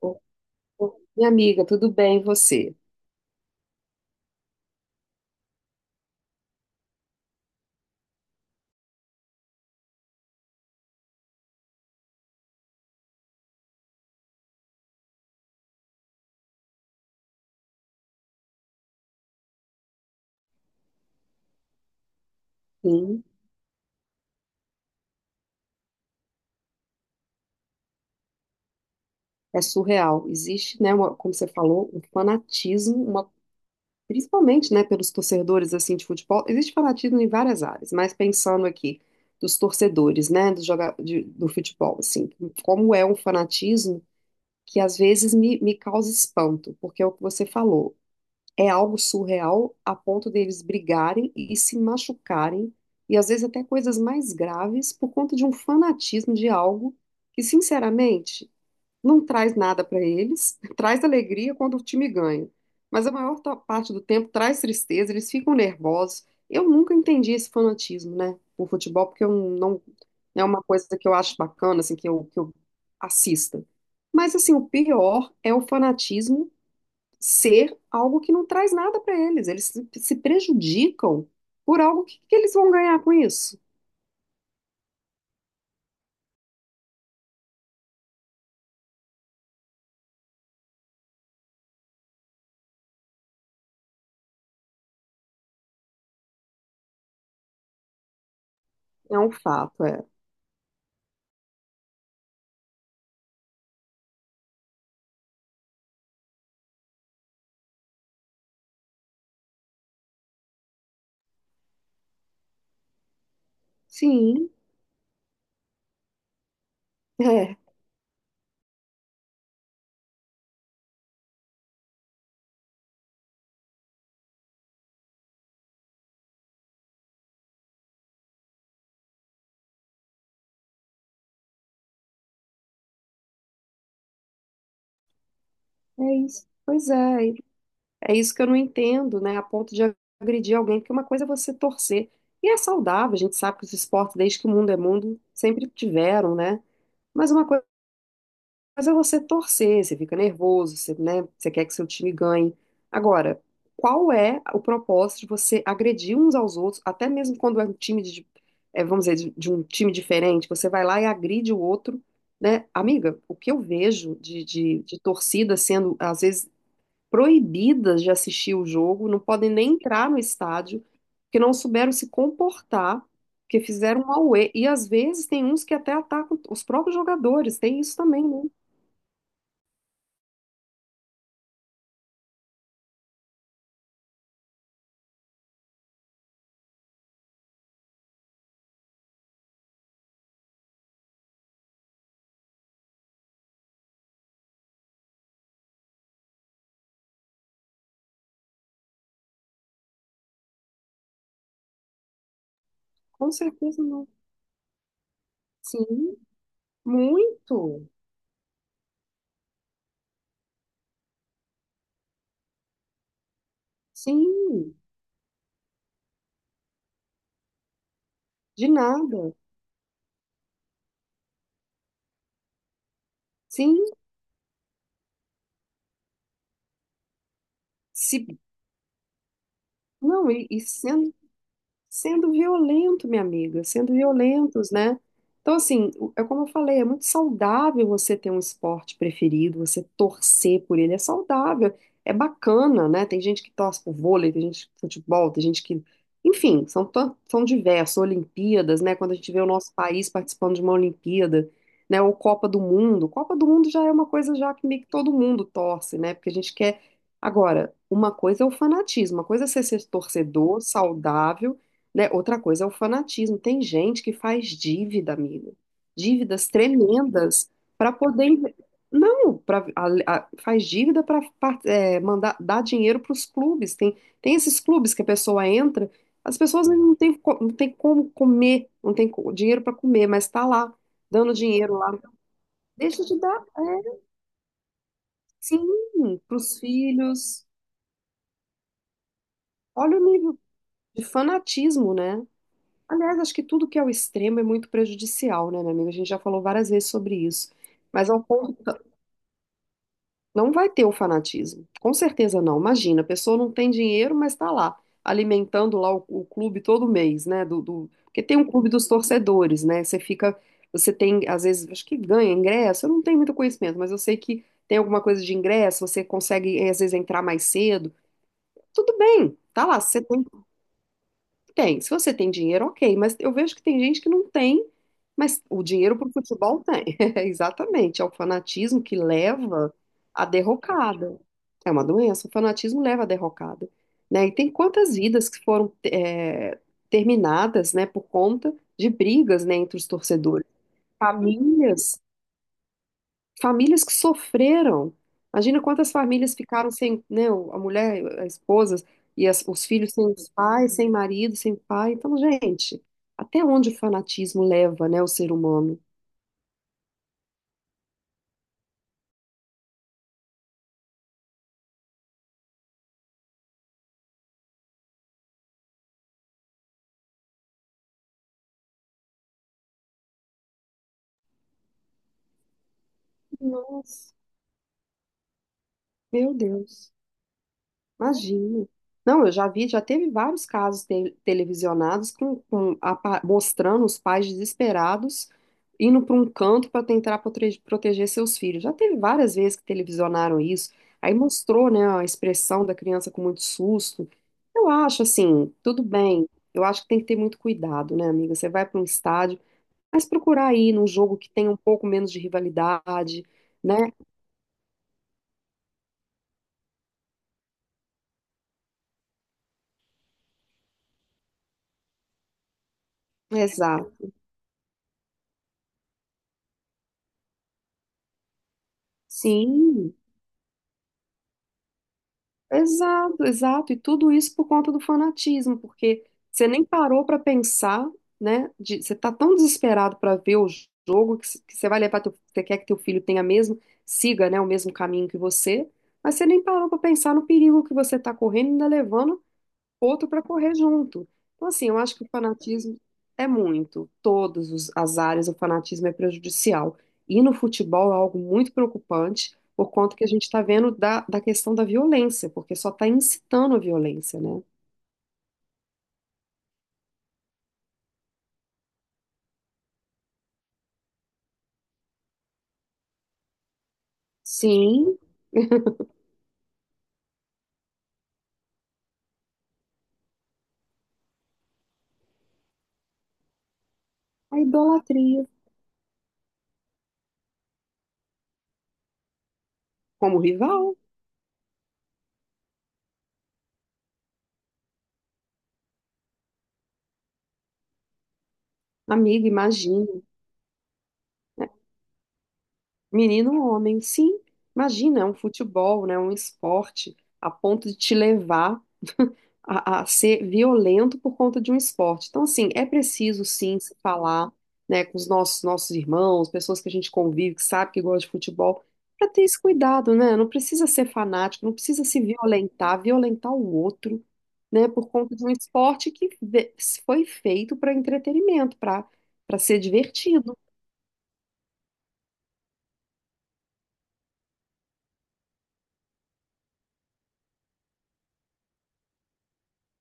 Ô, minha amiga, tudo bem, e você? Sim, é surreal. Existe, né, como você falou, um fanatismo, uma, principalmente, né, pelos torcedores assim de futebol. Existe fanatismo em várias áreas, mas pensando aqui dos torcedores, né, do futebol, assim, como é um fanatismo que às vezes me causa espanto, porque é o que você falou. É algo surreal a ponto deles brigarem e se machucarem, e às vezes até coisas mais graves, por conta de um fanatismo de algo que, sinceramente, não traz nada para eles, traz alegria quando o time ganha, mas a maior parte do tempo traz tristeza, eles ficam nervosos. Eu nunca entendi esse fanatismo, né, por futebol, porque eu não, não é uma coisa que eu acho bacana, assim, que eu assista. Mas, assim, o pior é o fanatismo ser algo que não traz nada para eles. Eles se prejudicam por algo que eles vão ganhar com isso. É um fato, é. Sim, é, é isso. Pois é, é isso que eu não entendo, né? A ponto de agredir alguém, porque uma coisa é você torcer. E é saudável, a gente sabe que os esportes, desde que o mundo é mundo, sempre tiveram, né? Mas uma coisa Mas é você torcer, você fica nervoso, você, né, você quer que seu time ganhe. Agora, qual é o propósito de você agredir uns aos outros, até mesmo quando é um time de, é, vamos dizer, de um time diferente, você vai lá e agride o outro, né? Amiga, o que eu vejo de torcidas sendo, às vezes, proibidas de assistir o jogo, não podem nem entrar no estádio, porque não souberam se comportar, porque fizeram um auê. E às vezes tem uns que até atacam os próprios jogadores, tem isso também, né? Com certeza não. Sim, muito. Sim, de nada. Sim, se não, e sendo violento, minha amiga, sendo violentos, né? Então, assim, é como eu falei, é muito saudável você ter um esporte preferido, você torcer por ele, é saudável, é bacana, né? Tem gente que torce por vôlei, tem gente que futebol, tem gente que. Enfim, são, são diversos, Olimpíadas, né? Quando a gente vê o nosso país participando de uma Olimpíada, né? Ou Copa do Mundo. Copa do Mundo já é uma coisa já que meio que todo mundo torce, né? Porque a gente quer. Agora, uma coisa é o fanatismo, uma coisa é você ser torcedor saudável, né? Outra coisa é o fanatismo. Tem gente que faz dívida, amigo. Dívidas tremendas para poder. Não, faz dívida para mandar dar dinheiro para os clubes. Tem, tem esses clubes que a pessoa entra, as pessoas não tem como comer, não tem co- dinheiro para comer, mas está lá, dando dinheiro lá. Deixa de dar, é, sim, para os filhos. Olha o nível de fanatismo, né? Aliás, acho que tudo que é o extremo é muito prejudicial, né, minha amiga? A gente já falou várias vezes sobre isso. Mas ao ponto, não vai ter o fanatismo. Com certeza não. Imagina, a pessoa não tem dinheiro, mas está lá, alimentando lá o clube todo mês, né? Porque tem um clube dos torcedores, né? Você fica, você tem, às vezes, acho que ganha ingresso. Eu não tenho muito conhecimento, mas eu sei que tem alguma coisa de ingresso, você consegue, às vezes, entrar mais cedo. Tudo bem, tá lá. Você tem. Tem. Se você tem dinheiro, ok. Mas eu vejo que tem gente que não tem, mas o dinheiro para o futebol tem. É, exatamente. É o fanatismo que leva à derrocada. É uma doença. O fanatismo leva à derrocada. Né? E tem quantas vidas que foram é, terminadas, né, por conta de brigas, né, entre os torcedores. Famílias. Famílias que sofreram. Imagina quantas famílias ficaram sem, né, a mulher, a esposa e os filhos sem os pais, sem marido, sem pai. Então, gente, até onde o fanatismo leva, né, o ser humano? Nossa, meu Deus. Imagino. Não, eu já vi, já teve vários casos televisionados com, com mostrando os pais desesperados indo para um canto para tentar proteger seus filhos. Já teve várias vezes que televisionaram isso. Aí mostrou, né, a expressão da criança com muito susto. Eu acho assim, tudo bem. Eu acho que tem que ter muito cuidado, né, amiga? Você vai para um estádio, mas procurar ir num jogo que tenha um pouco menos de rivalidade, né? Exato. Sim. Exato, exato. E tudo isso por conta do fanatismo, porque você nem parou para pensar, né? Você tá tão desesperado para ver o jogo que, que você vai levar teu, você quer que teu filho tenha mesmo, siga, né, o mesmo caminho que você, mas você nem parou para pensar no perigo que você tá correndo, ainda levando outro para correr junto. Então, assim, eu acho que o fanatismo é muito. Todas as áreas, o fanatismo é prejudicial. E no futebol é algo muito preocupante, por conta que a gente está vendo da questão da violência, porque só está incitando a violência, né? Sim, a idolatria como rival. Amiga, imagina, menino ou homem, sim, imagina, é um futebol, né, um esporte, a ponto de te levar a ser violento por conta de um esporte. Então, assim, é preciso sim se falar, né, com os nossos irmãos, pessoas que a gente convive, que sabe que gosta de futebol, para ter esse cuidado, né? Não precisa ser fanático, não precisa se violentar, violentar o outro, né, por conta de um esporte que foi feito para entretenimento, para ser divertido.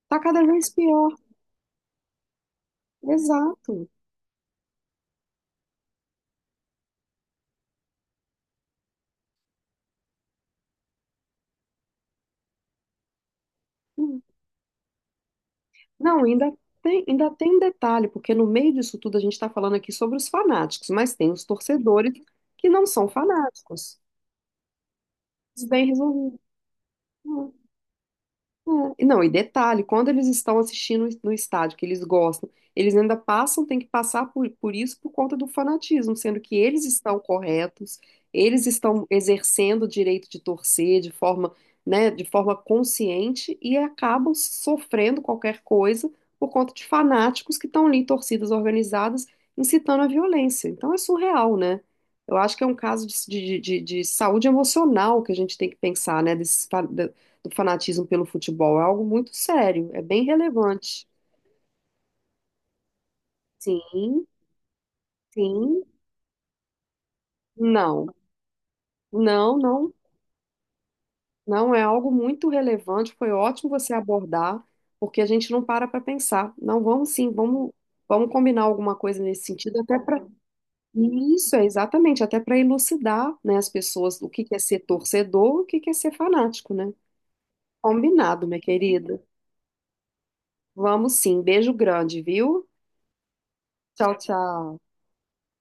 Tá cada vez pior. Exato. Não, ainda tem um detalhe, porque no meio disso tudo a gente está falando aqui sobre os fanáticos, mas tem os torcedores que não são fanáticos. Isso é. Bem resolvido. É, e não, e detalhe, quando eles estão assistindo no estádio, que eles gostam, eles ainda passam, tem que passar por isso por conta do fanatismo, sendo que eles estão corretos, eles estão exercendo o direito de torcer de forma, né, de forma consciente e acabam sofrendo qualquer coisa por conta de fanáticos que estão ali em torcidas organizadas incitando a violência. Então é surreal, né? Eu acho que é um caso de saúde emocional que a gente tem que pensar, né, desses, do fanatismo pelo futebol. É algo muito sério, é bem relevante. Sim, sim, não, não, não, não é algo muito relevante. Foi ótimo você abordar, porque a gente não para para pensar. Não, vamos sim, vamos, vamos combinar alguma coisa nesse sentido, até para isso, é exatamente, até para elucidar, né, as pessoas o que que é ser torcedor, o que que é ser fanático, né? Combinado, minha querida. Vamos sim. Beijo grande, viu? Tchau, tchau.